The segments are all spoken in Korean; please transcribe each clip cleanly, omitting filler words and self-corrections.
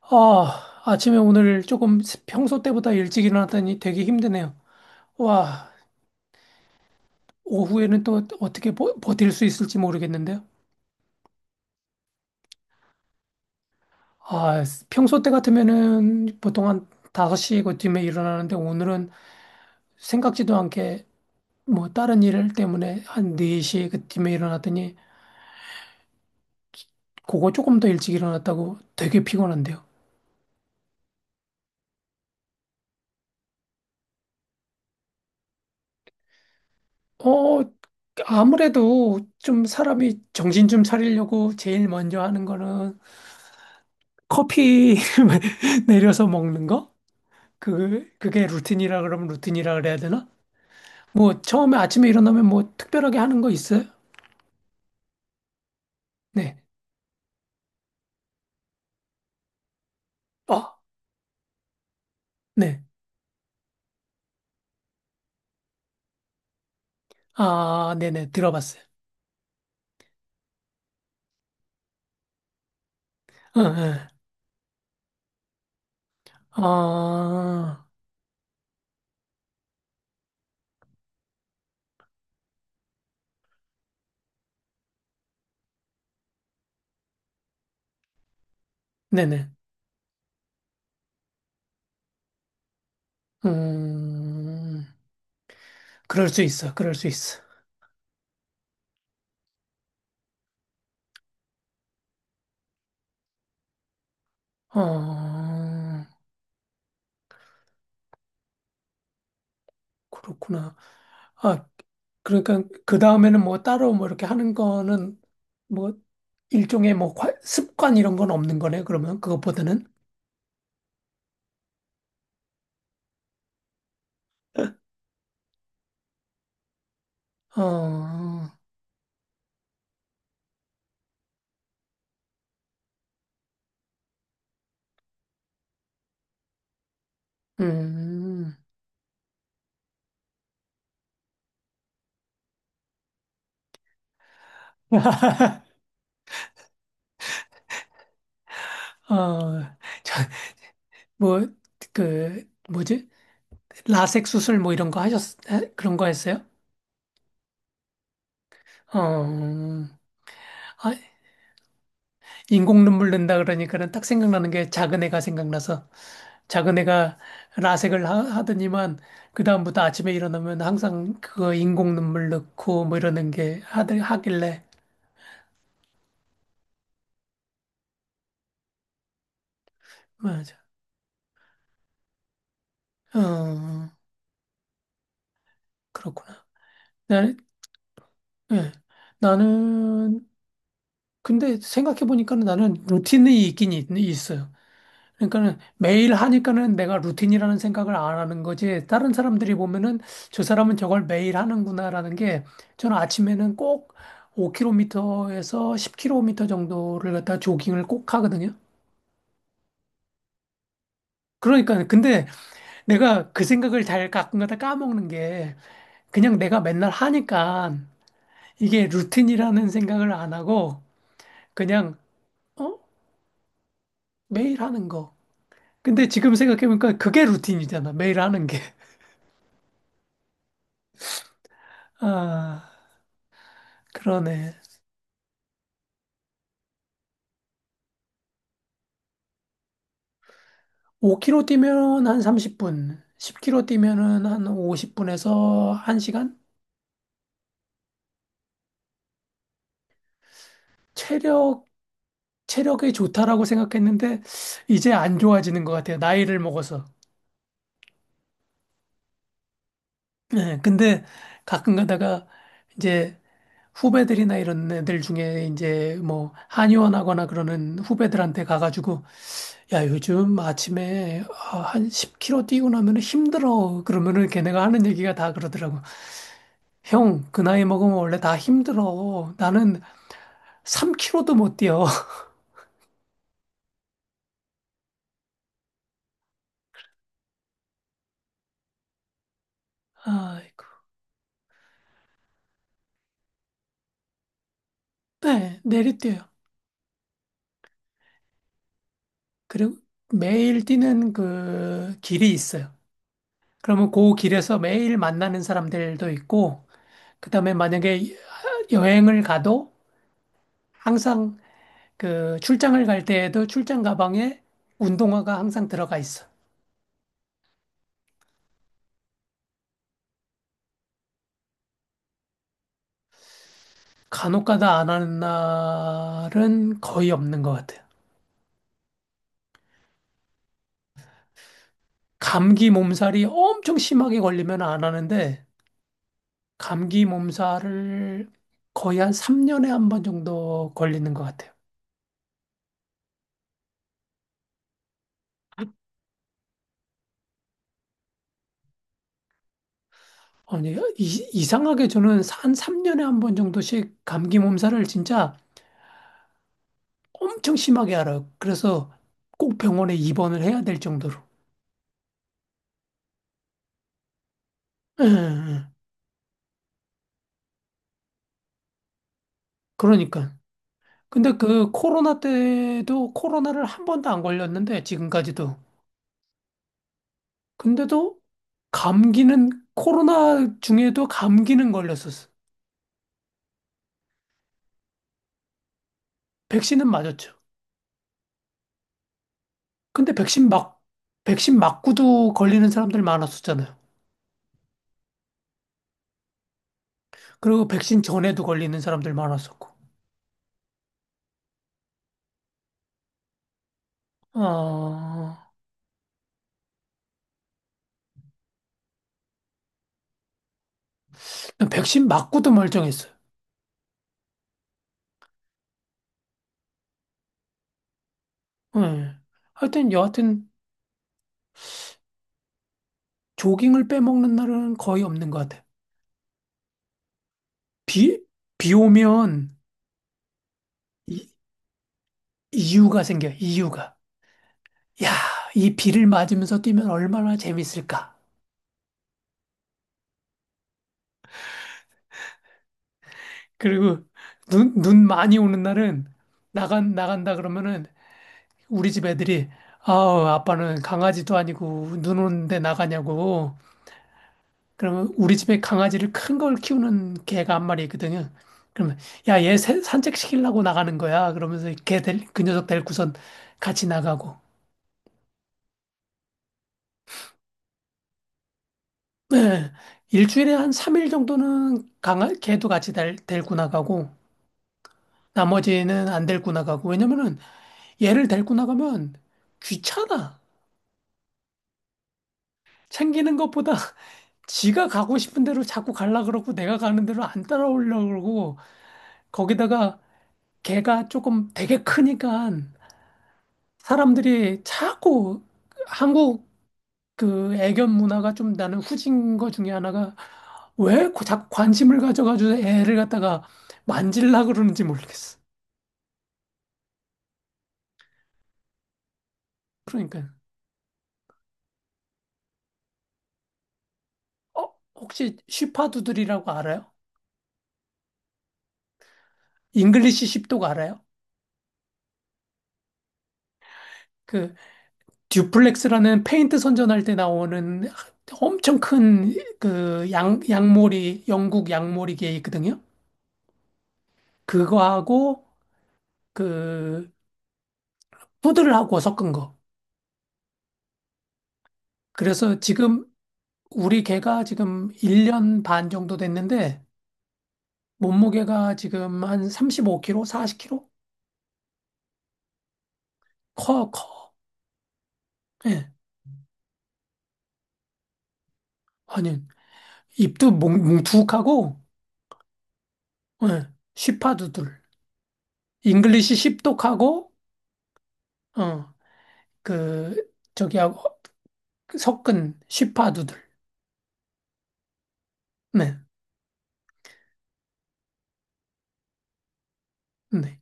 아, 아침에 오늘 조금 평소 때보다 일찍 일어났더니 되게 힘드네요. 와, 오후에는 또 어떻게 버틸 수 있을지 모르겠는데요. 아, 평소 때 같으면은 보통 한 5시 그쯤에 일어나는데 오늘은 생각지도 않게 뭐 다른 일 때문에 한 4시 그쯤에 일어났더니 그거 조금 더 일찍 일어났다고 되게 피곤한데요. 어, 아무래도 좀 사람이 정신 좀 차리려고 제일 먼저 하는 거는 커피 내려서 먹는 거? 그게 루틴이라 그러면 루틴이라 그래야 되나? 뭐, 처음에 아침에 일어나면 뭐, 특별하게 하는 거 있어요? 네. 어, 네. 아, 네네. 들어봤어요. 응, 응. 아, 네네. 음, 그럴 수 있어. 그럴 수 있어. 어, 그렇구나. 아, 그러니까, 그 다음에는 뭐, 따로 뭐, 이렇게 하는 거는 뭐, 일종의 뭐, 습관 이런 건 없는 거네, 그러면. 그것보다는. 어, 어, 음, 어, 저, 뭐, 그, 뭐지? 라섹 수술 뭐 이런 거 하셨, 에? 그런 거 했어요? 어, 아, 인공 눈물 낸다 그러니까는 딱 생각나는 게 작은 애가 생각나서 작은 애가 라섹을 하더니만 그다음부터 아침에 일어나면 항상 그거 인공 눈물 넣고 뭐 이러는 게 하길래, 맞아. 어, 그렇구나. 나, 예. 나는 근데 생각해보니까는 나는 루틴이 있긴 있어요. 그러니까는 매일 하니까는 내가 루틴이라는 생각을 안 하는 거지. 다른 사람들이 보면은 저 사람은 저걸 매일 하는구나라는 게 저는 아침에는 꼭 5km에서 10km 정도를 갖다 조깅을 꼭 하거든요. 그러니까 근데 내가 그 생각을 잘 가끔가다 까먹는 게 그냥 내가 맨날 하니까 이게 루틴이라는 생각을 안 하고 그냥 어? 매일 하는 거. 근데 지금 생각해보니까 그게 루틴이잖아. 매일 하는 게. 아, 그러네. 5km 뛰면 한 30분, 10km 뛰면은 한 50분에서 1시간? 체력, 체력이 좋다라고 생각했는데, 이제 안 좋아지는 것 같아요. 나이를 먹어서. 네, 근데 가끔 가다가 이제 후배들이나 이런 애들 중에 이제 뭐 한의원 하거나 그러는 후배들한테 가가지고 야, 요즘 아침에 아, 한 10km 뛰고 나면 힘들어. 그러면은 걔네가 하는 얘기가 다 그러더라고. 형, 그 나이 먹으면 원래 다 힘들어. 나는 3 k 로도못 뛰어. 아이고. 네, 내리뛰어요. 그리고 매일 뛰는 그 길이 있어요. 그러면 그 길에서 매일 만나는 사람들도 있고, 그다음에 만약에 여행을 가도 항상 그 출장을 갈 때에도 출장 가방에 운동화가 항상 들어가 있어. 간혹가다 안 하는 날은 거의 없는 것 같아요. 감기 몸살이 엄청 심하게 걸리면 안 하는데, 감기 몸살을 거의 한 3년에 한 번 정도 걸리는 것 같아요. 아니, 이상하게 저는 한 3년에 한 번 정도씩 감기 몸살을 진짜 엄청 심하게 알아요. 그래서 꼭 병원에 입원을 해야 될 정도로. 예, 예. 예. 그러니까. 근데 그 코로나 때도 코로나를 한 번도 안 걸렸는데, 지금까지도. 근데도 감기는 코로나 중에도 감기는 걸렸었어. 백신은 맞았죠. 근데 백신 막 백신 맞고도 걸리는 사람들 많았었잖아요. 그리고 백신 전에도 걸리는 사람들 많았었고. 아, 백신 맞고도 멀쩡했어요. 예. 하여튼 여하튼 조깅을 빼먹는 날은 거의 없는 것 같아. 비, 비 오면 이, 이유가 생겨. 이유가. 야, 이 비를 맞으면서 뛰면 얼마나 재밌을까? 그리고 눈 많이 오는 날은 나간다 그러면은 우리 집 애들이 아우, 아빠는 강아지도 아니고 눈 오는데 나가냐고. 그러면 우리 집에 강아지를 큰 걸 키우는 개가 한 마리 있거든요. 그러면 야, 얘 산책시키려고 나가는 거야. 그러면서 그 녀석 데리고선 같이 나가고. 네, 일주일에 한 3일 정도는 걔도 같이 데리고 나가고 나머지는 안 데리고 나가고. 왜냐면은 얘를 데리고 나가면 귀찮아. 챙기는 것보다 지가 가고 싶은 대로 자꾸 갈라 그러고 내가 가는 대로 안 따라오려고 그러고 거기다가 걔가 조금 되게 크니까 사람들이 자꾸 한국 그 애견 문화가 좀 나는 후진 거 중에 하나가 왜 자꾸 관심을 가져가지고 애를 갖다가 만질라 그러는지 모르겠어. 그러니까 어 혹시 쉬파두들이라고 알아요? 잉글리시 쉽도그 알아요? 그 듀플렉스라는 페인트 선전할 때 나오는 엄청 큰 그 영국 양모리개 있거든요. 그거하고 그 푸들을 하고 섞은 거. 그래서 지금 우리 개가 지금 1년 반 정도 됐는데 몸무게가 지금 한 35kg, 40kg? 커, 커. 예. 아니, 입도 뭉툭하고, 예. 쉬파두들. 잉글리시 십독하고, 어, 그, 저기하고, 섞은 시파두들. 네. 네.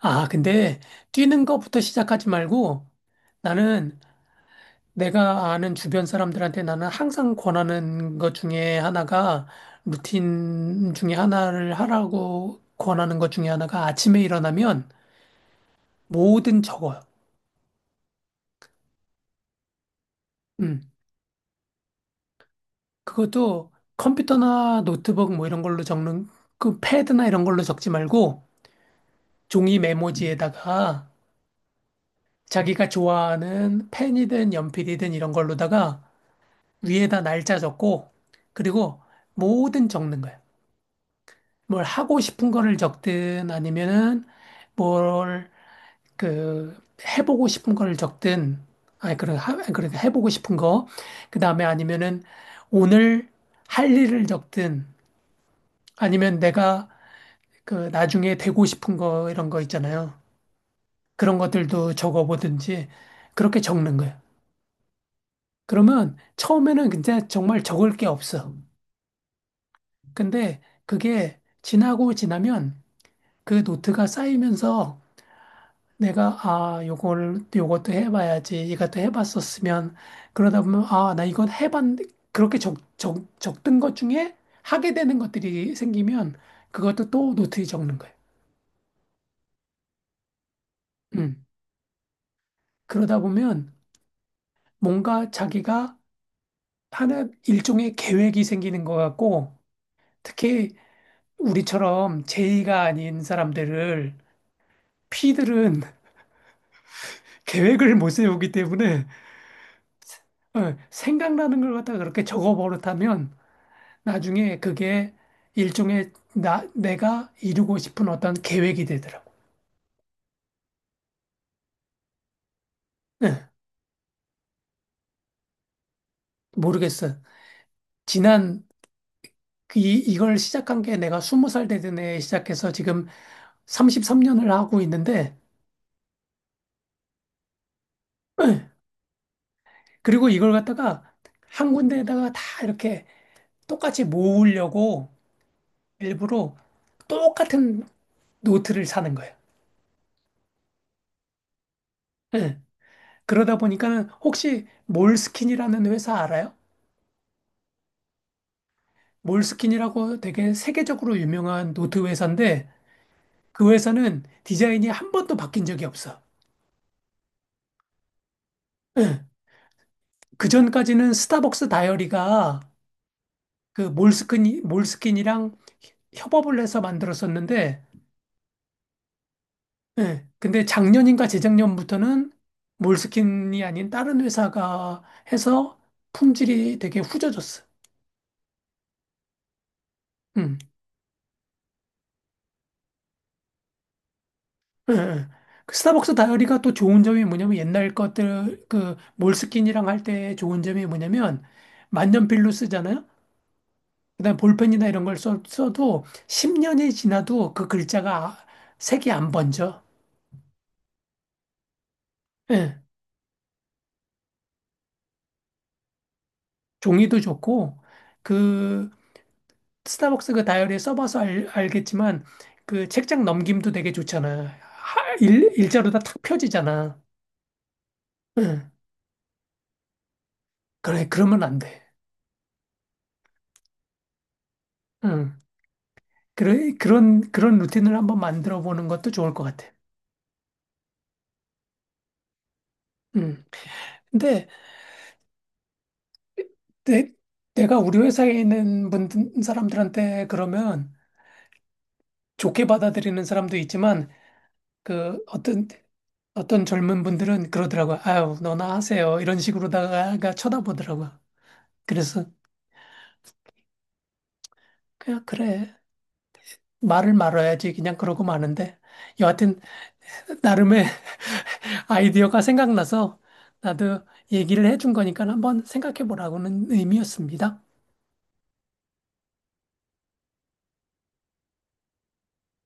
아, 근데 뛰는 거부터 시작하지 말고 나는 내가 아는 주변 사람들한테 나는 항상 권하는 것 중에 하나가 루틴 중에 하나를 하라고 권하는 것 중에 하나가 아침에 일어나면 뭐든 적어요. 음. 그것도 컴퓨터나 노트북 뭐 이런 걸로 적는 그 패드나 이런 걸로 적지 말고 종이 메모지에다가 자기가 좋아하는 펜이든 연필이든 이런 걸로다가 위에다 날짜 적고 그리고 뭐든 적는 거예요. 뭘 하고 싶은 거를 적든 아니면은 뭘 그 해보고 싶은 거를 적든 아니 그런 하 그런 해보고 싶은 거 그다음에 아니면은 오늘 할 일을 적든 아니면 내가 그 나중에 되고 싶은 거 이런 거 있잖아요. 그런 것들도 적어보든지 그렇게 적는 거예요. 그러면 처음에는 진짜 정말 적을 게 없어. 근데 그게 지나고 지나면 그 노트가 쌓이면서 내가 아, 요걸 요것도 해봐야지. 이것도 해봤었으면 그러다 보면 아, 나 이건 해봤 그렇게 적던 것 중에 하게 되는 것들이 생기면 그것도 또 노트에 적는 거예요. 음. 그러다 보면 뭔가 자기가 하는 일종의 계획이 생기는 것 같고 특히 우리처럼 제의가 아닌 사람들을 P들은 계획을 못 세우기 때문에 어, 생각나는 걸 갖다가 그렇게 적어 버릇하면 나중에 그게 일종의 내가 이루고 싶은 어떤 계획이 되더라고. 예, 모르겠어. 지난 그 이걸 시작한 게 내가 스무 살 되던 해에 시작해서 지금 33년을 하고 있는데 예, 그리고 이걸 갖다가 한 군데에다가 다 이렇게 똑같이 모으려고 일부러 똑같은 노트를 사는 거예요. 네, 그러다 보니까는 혹시 몰스킨이라는 회사 알아요? 몰스킨이라고 되게 세계적으로 유명한 노트 회사인데 그 회사는 디자인이 한 번도 바뀐 적이 없어. 예. 그전까지는 스타벅스 다이어리가 그 몰스킨이랑 협업을 해서 만들었었는데 예. 근데 작년인가 재작년부터는 몰스킨이 아닌 다른 회사가 해서 품질이 되게 후져졌어. 음. 예, 예. 그 스타벅스 다이어리가 또 좋은 점이 뭐냐면 옛날 것들 그 몰스킨이랑 할 때 좋은 점이 뭐냐면 만년필로 쓰잖아요. 그다음 볼펜이나 이런 걸 써, 도 10년이 지나도 그 글자가 색이 안 번져. 예. 종이도 좋고 그 스타벅스 그 다이어리 써봐서 알겠지만 그 책장 넘김도 되게 좋잖아. 일자로 다 탁 펴지잖아. 응. 그래 그러면 안 돼. 응. 그런 루틴을 한번 만들어 보는 것도 좋을 것 같아. 음. 근데 내, 내가 우리 회사에 있는 사람들한테 그러면 좋게 받아들이는 사람도 있지만, 그, 어떤 젊은 분들은 그러더라고요. 아유, 너나 하세요. 이런 식으로다가 쳐다보더라고요. 그래서, 그냥 그래. 말을 말아야지. 그냥 그러고 마는데. 여하튼, 나름의 아이디어가 생각나서 나도 얘기를 해준 거니까 한번 생각해 보라고는 의미였습니다.